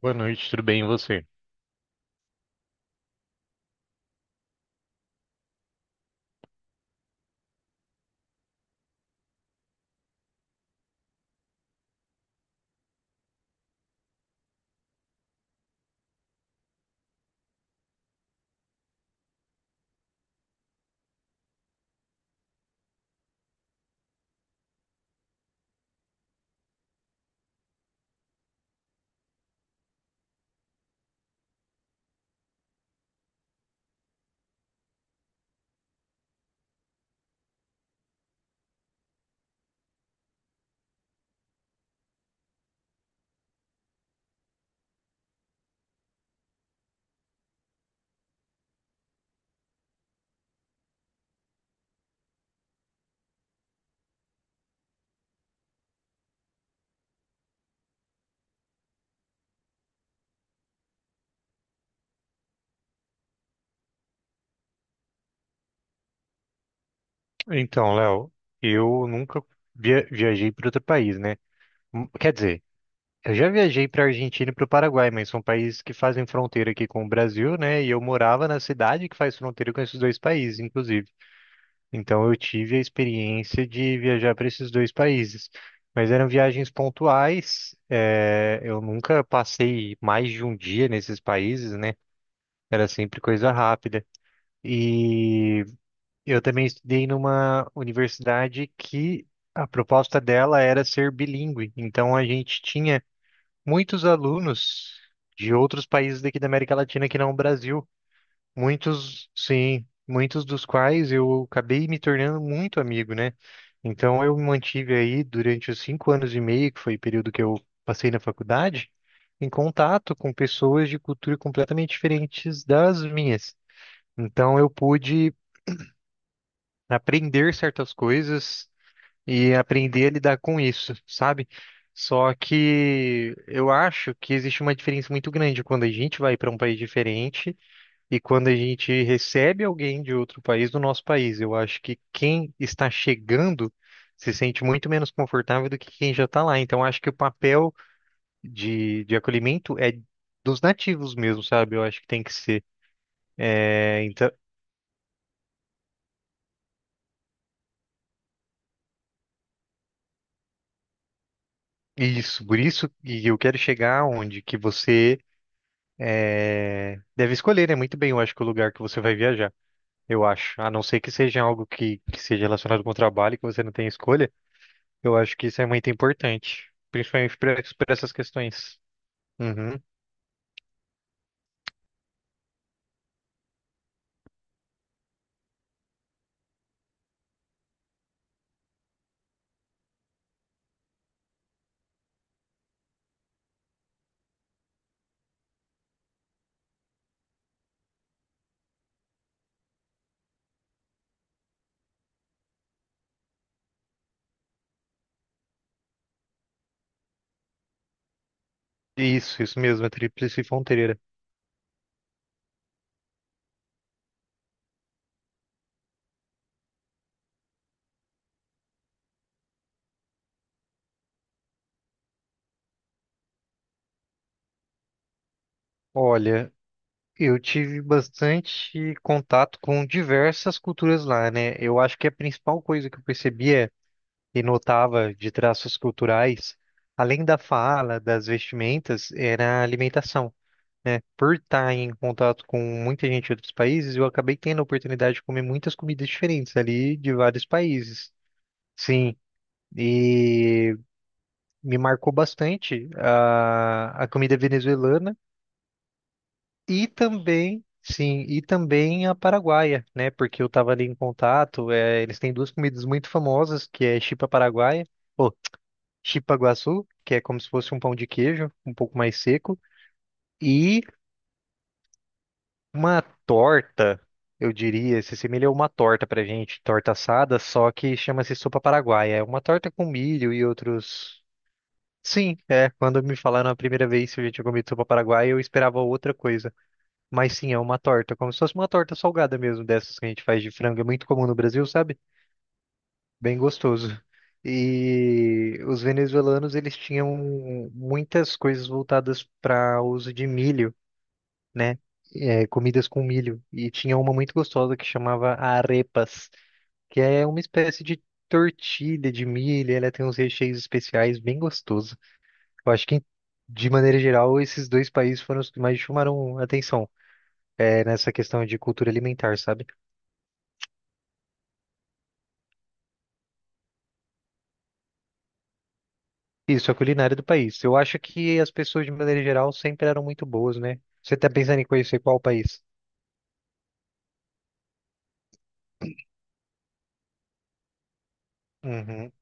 Boa noite, tudo bem e você? Então, Léo, eu nunca viajei para outro país, né? Quer dizer, eu já viajei para Argentina e para o Paraguai, mas são países que fazem fronteira aqui com o Brasil, né? E eu morava na cidade que faz fronteira com esses dois países, inclusive. Então, eu tive a experiência de viajar para esses dois países, mas eram viagens pontuais. Eu nunca passei mais de um dia nesses países, né? Era sempre coisa rápida. E eu também estudei numa universidade que a proposta dela era ser bilíngue. Então a gente tinha muitos alunos de outros países daqui da América Latina que não o Brasil. Muitos, sim, muitos dos quais eu acabei me tornando muito amigo, né? Então eu me mantive aí durante os 5 anos e meio, que foi o período que eu passei na faculdade, em contato com pessoas de cultura completamente diferentes das minhas. Então eu pude aprender certas coisas e aprender a lidar com isso, sabe? Só que eu acho que existe uma diferença muito grande quando a gente vai para um país diferente e quando a gente recebe alguém de outro país do nosso país. Eu acho que quem está chegando se sente muito menos confortável do que quem já está lá. Então, eu acho que o papel de acolhimento é dos nativos mesmo, sabe? Eu acho que tem que ser. É, então, isso, por isso, e eu quero chegar onde que você é, deve escolher, né? Muito bem, eu acho que o lugar que você vai viajar. Eu acho. A não ser que seja algo que seja relacionado com o trabalho, que você não tem escolha, eu acho que isso é muito importante. Principalmente para essas questões. Uhum. Isso mesmo, a Tríplice Fronteira. Olha, eu tive bastante contato com diversas culturas lá, né? Eu acho que a principal coisa que eu percebia e notava de traços culturais, além da fala, das vestimentas, era a alimentação, né? Por estar em contato com muita gente de outros países, eu acabei tendo a oportunidade de comer muitas comidas diferentes ali de vários países. Sim, e me marcou bastante a comida venezuelana e também, sim, e também a paraguaia, né? Porque eu estava ali em contato, é, eles têm duas comidas muito famosas, que é chipa paraguaia, ou chipa guaçu, que é como se fosse um pão de queijo, um pouco mais seco, e uma torta, eu diria, se assemelha a uma torta pra gente, torta assada, só que chama-se sopa paraguaia. É uma torta com milho e outros. Sim, é. Quando me falaram a primeira vez se a gente tinha comido sopa paraguaia, eu esperava outra coisa. Mas sim, é uma torta, como se fosse uma torta salgada mesmo, dessas que a gente faz de frango. É muito comum no Brasil, sabe? Bem gostoso. E os venezuelanos, eles tinham muitas coisas voltadas para uso de milho, né? É, comidas com milho. E tinha uma muito gostosa que chamava arepas, que é uma espécie de tortilha de milho. E ela tem uns recheios especiais bem gostoso. Eu acho que, de maneira geral, esses dois países foram os que mais chamaram atenção, é, nessa questão de cultura alimentar, sabe? Isso, a culinária do país. Eu acho que as pessoas, de maneira geral, sempre eram muito boas, né? Você tá pensando em conhecer qual país? Uhum.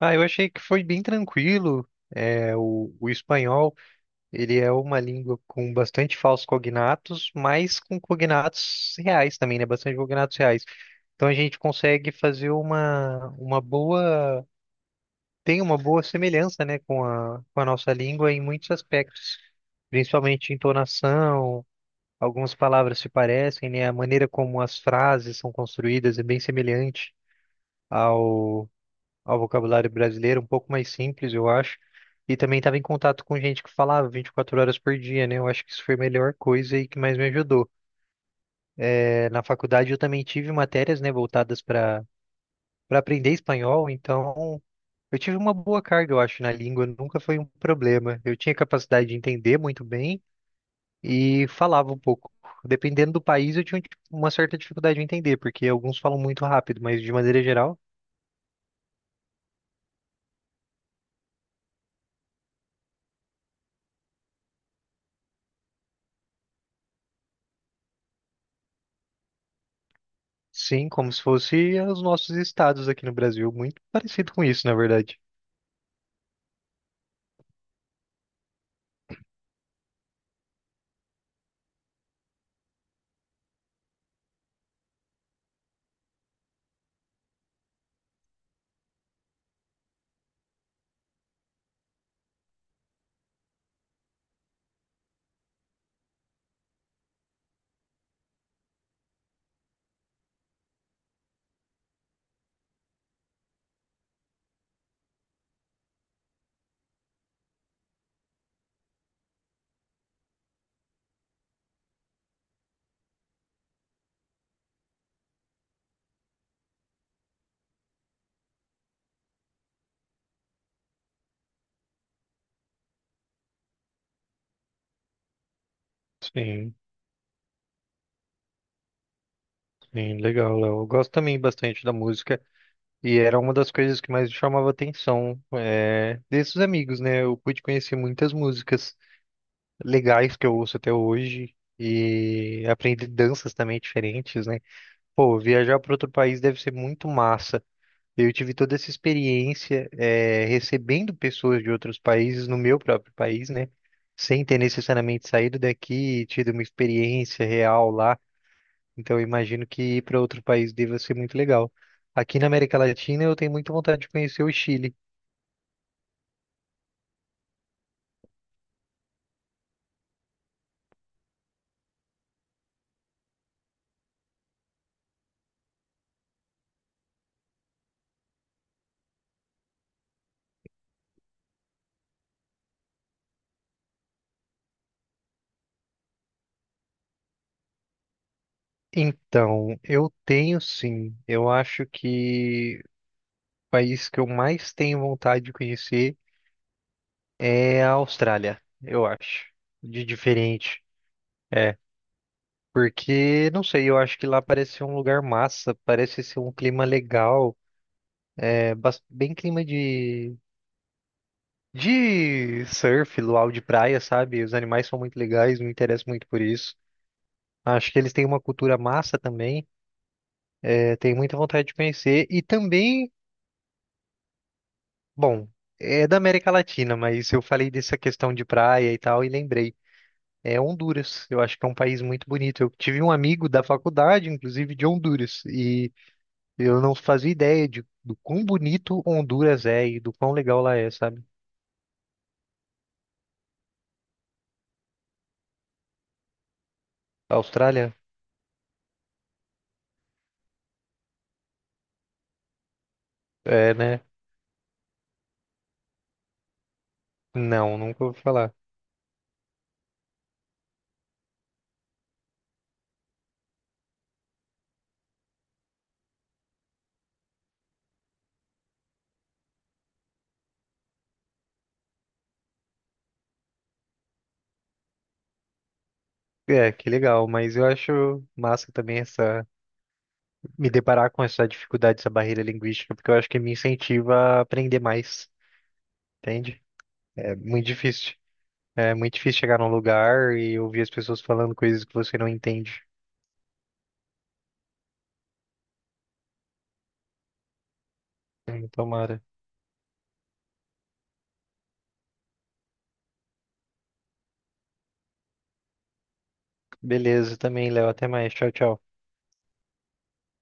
Ah, eu achei que foi bem tranquilo. É, o espanhol. Ele é uma língua com bastante falsos cognatos, mas com cognatos reais também, né? Bastante cognatos reais. Então a gente consegue fazer uma boa. Tem uma boa semelhança, né, com a nossa língua em muitos aspectos, principalmente entonação, algumas palavras se parecem, né? A maneira como as frases são construídas é bem semelhante ao vocabulário brasileiro, um pouco mais simples, eu acho. E também estava em contato com gente que falava 24 horas por dia, né? Eu acho que isso foi a melhor coisa e que mais me ajudou. É, na faculdade eu também tive matérias, né, voltadas para aprender espanhol, então eu tive uma boa carga, eu acho, na língua, nunca foi um problema. Eu tinha capacidade de entender muito bem e falava um pouco. Dependendo do país, eu tinha tipo, uma certa dificuldade de entender, porque alguns falam muito rápido, mas de maneira geral. Sim, como se fosse os nossos estados aqui no Brasil, muito parecido com isso, na verdade. Sim, sim, legal, Léo. Eu gosto também bastante da música e era uma das coisas que mais chamava atenção é, desses amigos, né? Eu pude conhecer muitas músicas legais que eu ouço até hoje e aprendi danças também diferentes, né? Pô, viajar para outro país deve ser muito massa. Eu tive toda essa experiência, recebendo pessoas de outros países no meu próprio país, né? Sem ter necessariamente saído daqui e tido uma experiência real lá. Então, eu imagino que ir para outro país deva ser muito legal. Aqui na América Latina, eu tenho muita vontade de conhecer o Chile. Então, eu tenho sim. Eu acho que o país que eu mais tenho vontade de conhecer é a Austrália, eu acho. De diferente. É, porque, não sei, eu acho que lá parece ser um lugar massa, parece ser um clima legal, é bem clima de surf, luau de praia, sabe? Os animais são muito legais, me interesso muito por isso. Acho que eles têm uma cultura massa também, é, tenho muita vontade de conhecer. E também, bom, é da América Latina, mas eu falei dessa questão de praia e tal e lembrei. É Honduras, eu acho que é um país muito bonito. Eu tive um amigo da faculdade, inclusive de Honduras, e eu não fazia ideia de, do quão bonito Honduras é e do quão legal lá é, sabe? Austrália? É, né? Não, nunca ouvi falar. É, que legal, mas eu acho massa também essa, me deparar com essa dificuldade, essa barreira linguística, porque eu acho que me incentiva a aprender mais, entende? É muito difícil. É muito difícil chegar num lugar e ouvir as pessoas falando coisas que você não entende. Tomara. Beleza, também, Léo. Até mais. Tchau, tchau.